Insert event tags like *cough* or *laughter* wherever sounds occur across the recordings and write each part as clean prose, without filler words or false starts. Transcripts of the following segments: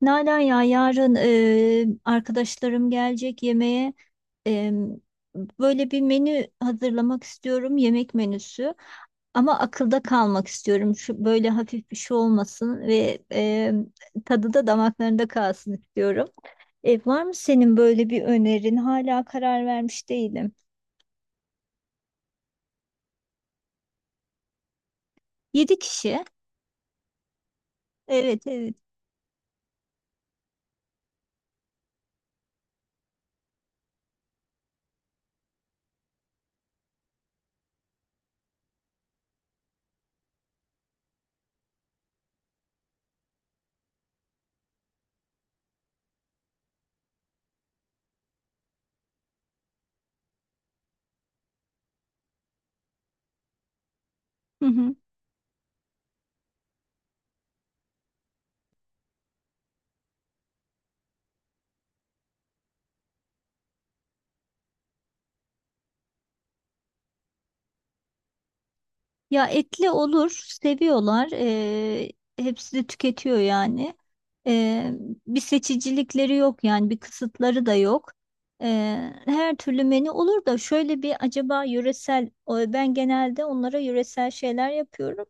Nalan ya yarın arkadaşlarım gelecek yemeğe. E, Böyle bir menü hazırlamak istiyorum, yemek menüsü. Ama akılda kalmak istiyorum. Şu böyle hafif bir şey olmasın ve tadı da damaklarında kalsın istiyorum. Var mı senin böyle bir önerin? Hala karar vermiş değilim. 7 kişi. Evet, evet. *laughs* Ya etli olur, seviyorlar. Hepsi de tüketiyor yani. Eee, Bir seçicilikleri yok yani bir kısıtları da yok. Her türlü menü olur da şöyle bir acaba yöresel, ben genelde onlara yöresel şeyler yapıyorum.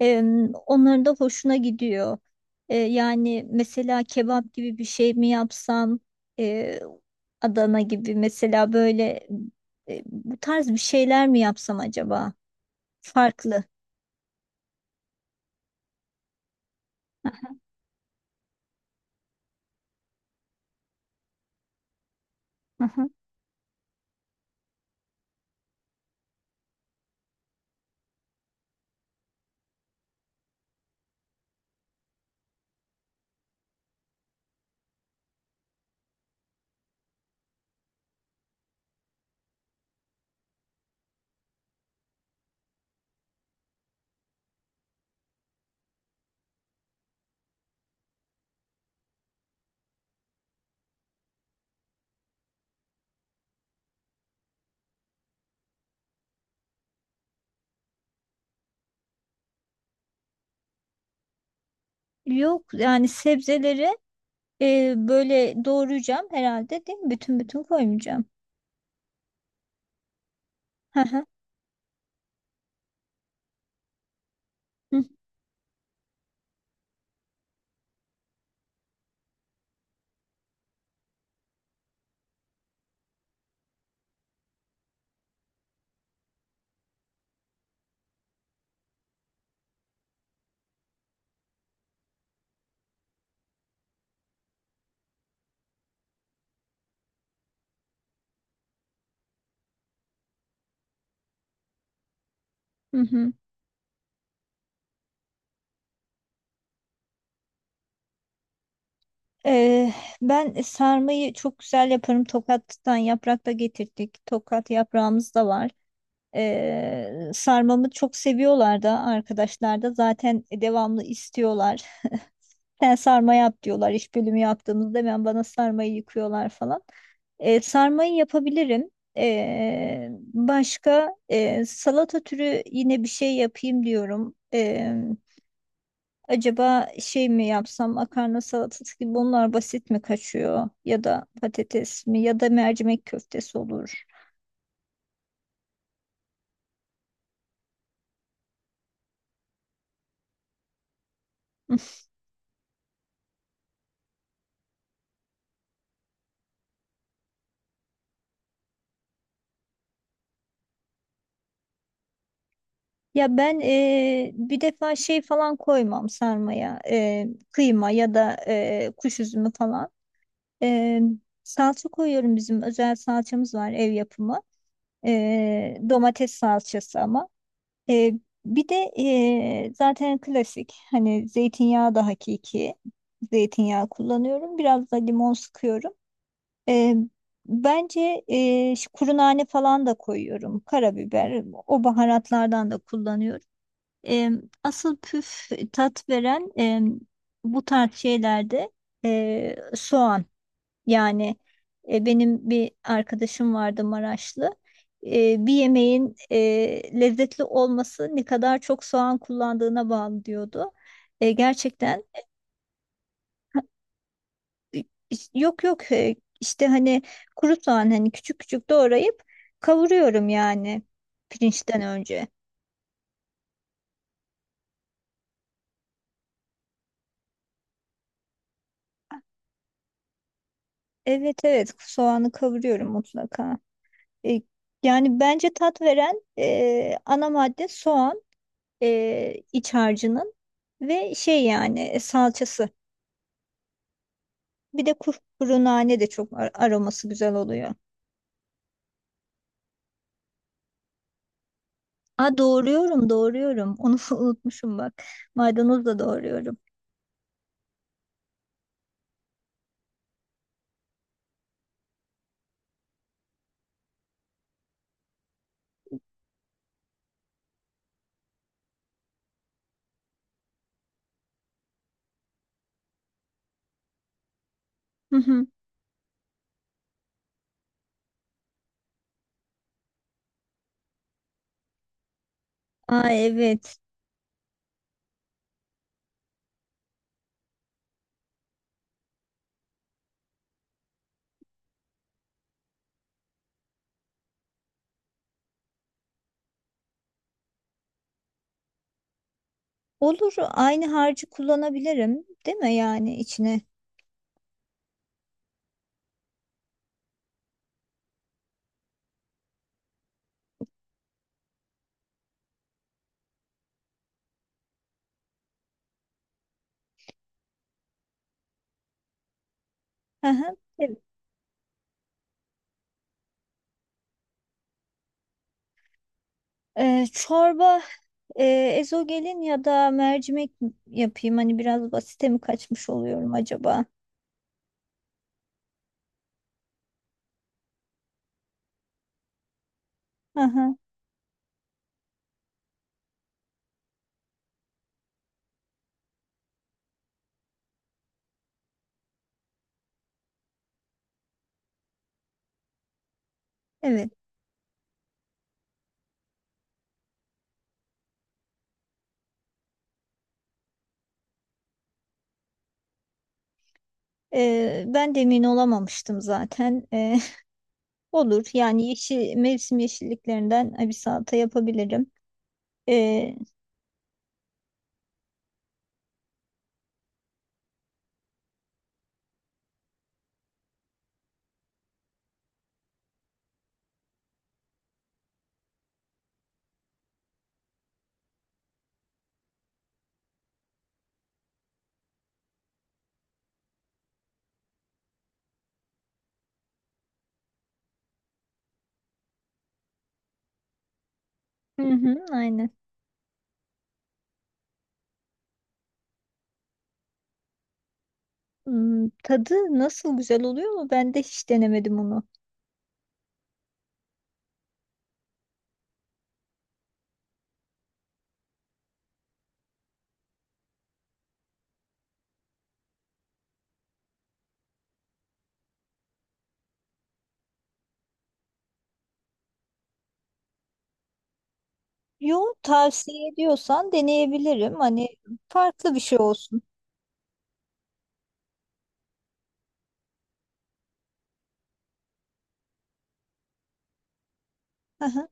Eee, Onların da hoşuna gidiyor. Yani mesela kebap gibi bir şey mi yapsam, eee, Adana gibi mesela böyle bu tarz bir şeyler mi yapsam acaba? Farklı. Hı hı. Yok yani sebzeleri böyle doğrayacağım herhalde değil mi? Bütün bütün koymayacağım. Hı hı. Hı hı. hı. E, ben sarmayı çok güzel yaparım. Tokat'tan yaprak da getirdik. Tokat yaprağımız da var. E, sarmamı çok seviyorlar da arkadaşlar da zaten devamlı istiyorlar. Sen sarma yap diyorlar iş bölümü yaptığımızda hemen bana sarmayı yıkıyorlar falan. Sarmayı yapabilirim. E, Başka salata türü yine bir şey yapayım diyorum. Acaba şey mi yapsam makarna salatası gibi, bunlar basit mi kaçıyor? Ya da patates mi ya da mercimek köftesi olur. *laughs* Ya ben bir defa şey falan koymam sarmaya. Kıyma ya da kuş üzümü falan. Ee, Salça koyuyorum, bizim özel salçamız var, ev yapımı. Domates salçası ama. Ee, Bir de zaten klasik hani zeytinyağı da hakiki zeytinyağı kullanıyorum. Biraz da limon sıkıyorum. Ee, Bence şu kuru nane falan da koyuyorum. Karabiber, o baharatlardan da kullanıyorum. Ee, Asıl püf tat veren, bu tarz şeylerde, soğan. Yani benim bir arkadaşım vardı, Maraşlı. E, bir yemeğin lezzetli olması ne kadar çok soğan kullandığına bağlı diyordu. Gerçekten e, yok yok, işte hani kuru soğan, hani küçük küçük doğrayıp kavuruyorum yani, pirinçten önce. Evet, evet, soğanı kavuruyorum mutlaka. E, Yani bence tat veren ana madde soğan. E, iç harcının ve şey, yani salçası. Bir de kuru nane de çok aroması güzel oluyor. Aa, doğruyorum, doğruyorum. Onu *laughs* unutmuşum bak. Maydanoz da doğruyorum. Hı hı. Aa evet. Olur, aynı harcı kullanabilirim değil mi yani içine? Hı hı. Evet. Çorba e, ezogelin ya da mercimek yapayım. Hani biraz basite mi kaçmış oluyorum acaba? Hı hı. Evet. Ben de emin olamamıştım zaten. Olur. Yani yeşil, mevsim yeşilliklerinden bir salata yapabilirim. Ee, hı hı, aynen. Hmm, tadı nasıl, güzel oluyor mu? Ben de hiç denemedim onu. Yo, tavsiye ediyorsan deneyebilirim. Hani farklı bir şey olsun. Aha.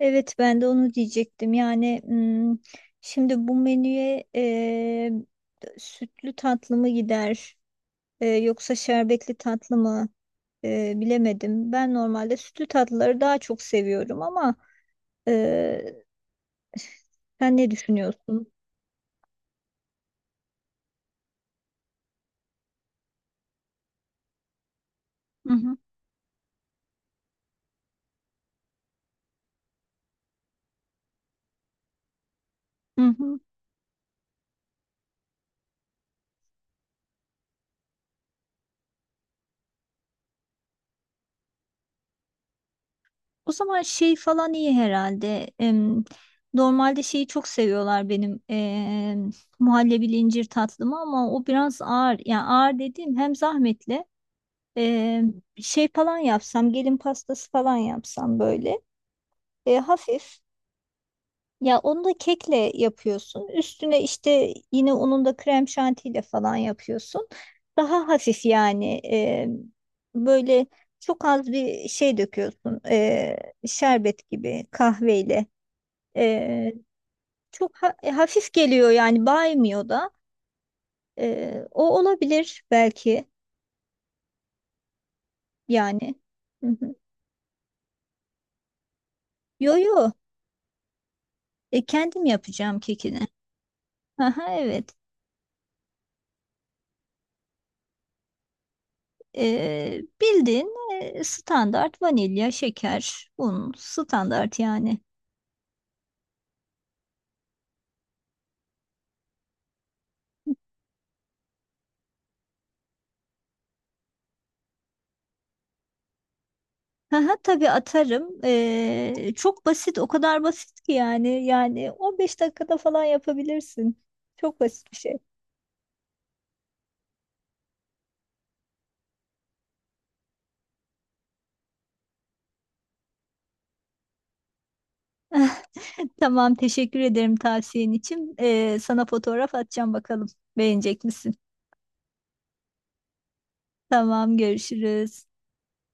Evet, ben de onu diyecektim. Yani hmm, şimdi bu menüye sütlü tatlı mı gider yoksa şerbetli tatlı mı, bilemedim. Ben normalde sütlü tatlıları daha çok seviyorum ama Ee, *sighs* sen ne düşünüyorsun? Hı hı, hı hı. O zaman şey falan iyi herhalde. Normalde şeyi çok seviyorlar, benim muhallebili incir tatlımı, ama o biraz ağır. Yani ağır dediğim hem zahmetli em, şey falan yapsam, gelin pastası falan yapsam, böyle hafif. Ya onu da kekle yapıyorsun. Üstüne işte yine onun da krem şantiyle falan yapıyorsun. Daha hafif yani, böyle çok az bir şey döküyorsun. Şerbet gibi kahveyle. E, Çok hafif geliyor yani, baymıyor da. O olabilir belki yani. Hı hı. Yo yo, kendim yapacağım kekini. Aha, evet. Bildiğin standart, vanilya, şeker, un, standart yani. Haha, tabii atarım. Çok basit, o kadar basit ki yani. Yani 15 dakikada falan yapabilirsin. Çok basit bir şey. *laughs* Tamam, teşekkür ederim tavsiyen için. Sana fotoğraf atacağım bakalım. Beğenecek misin? Tamam, görüşürüz.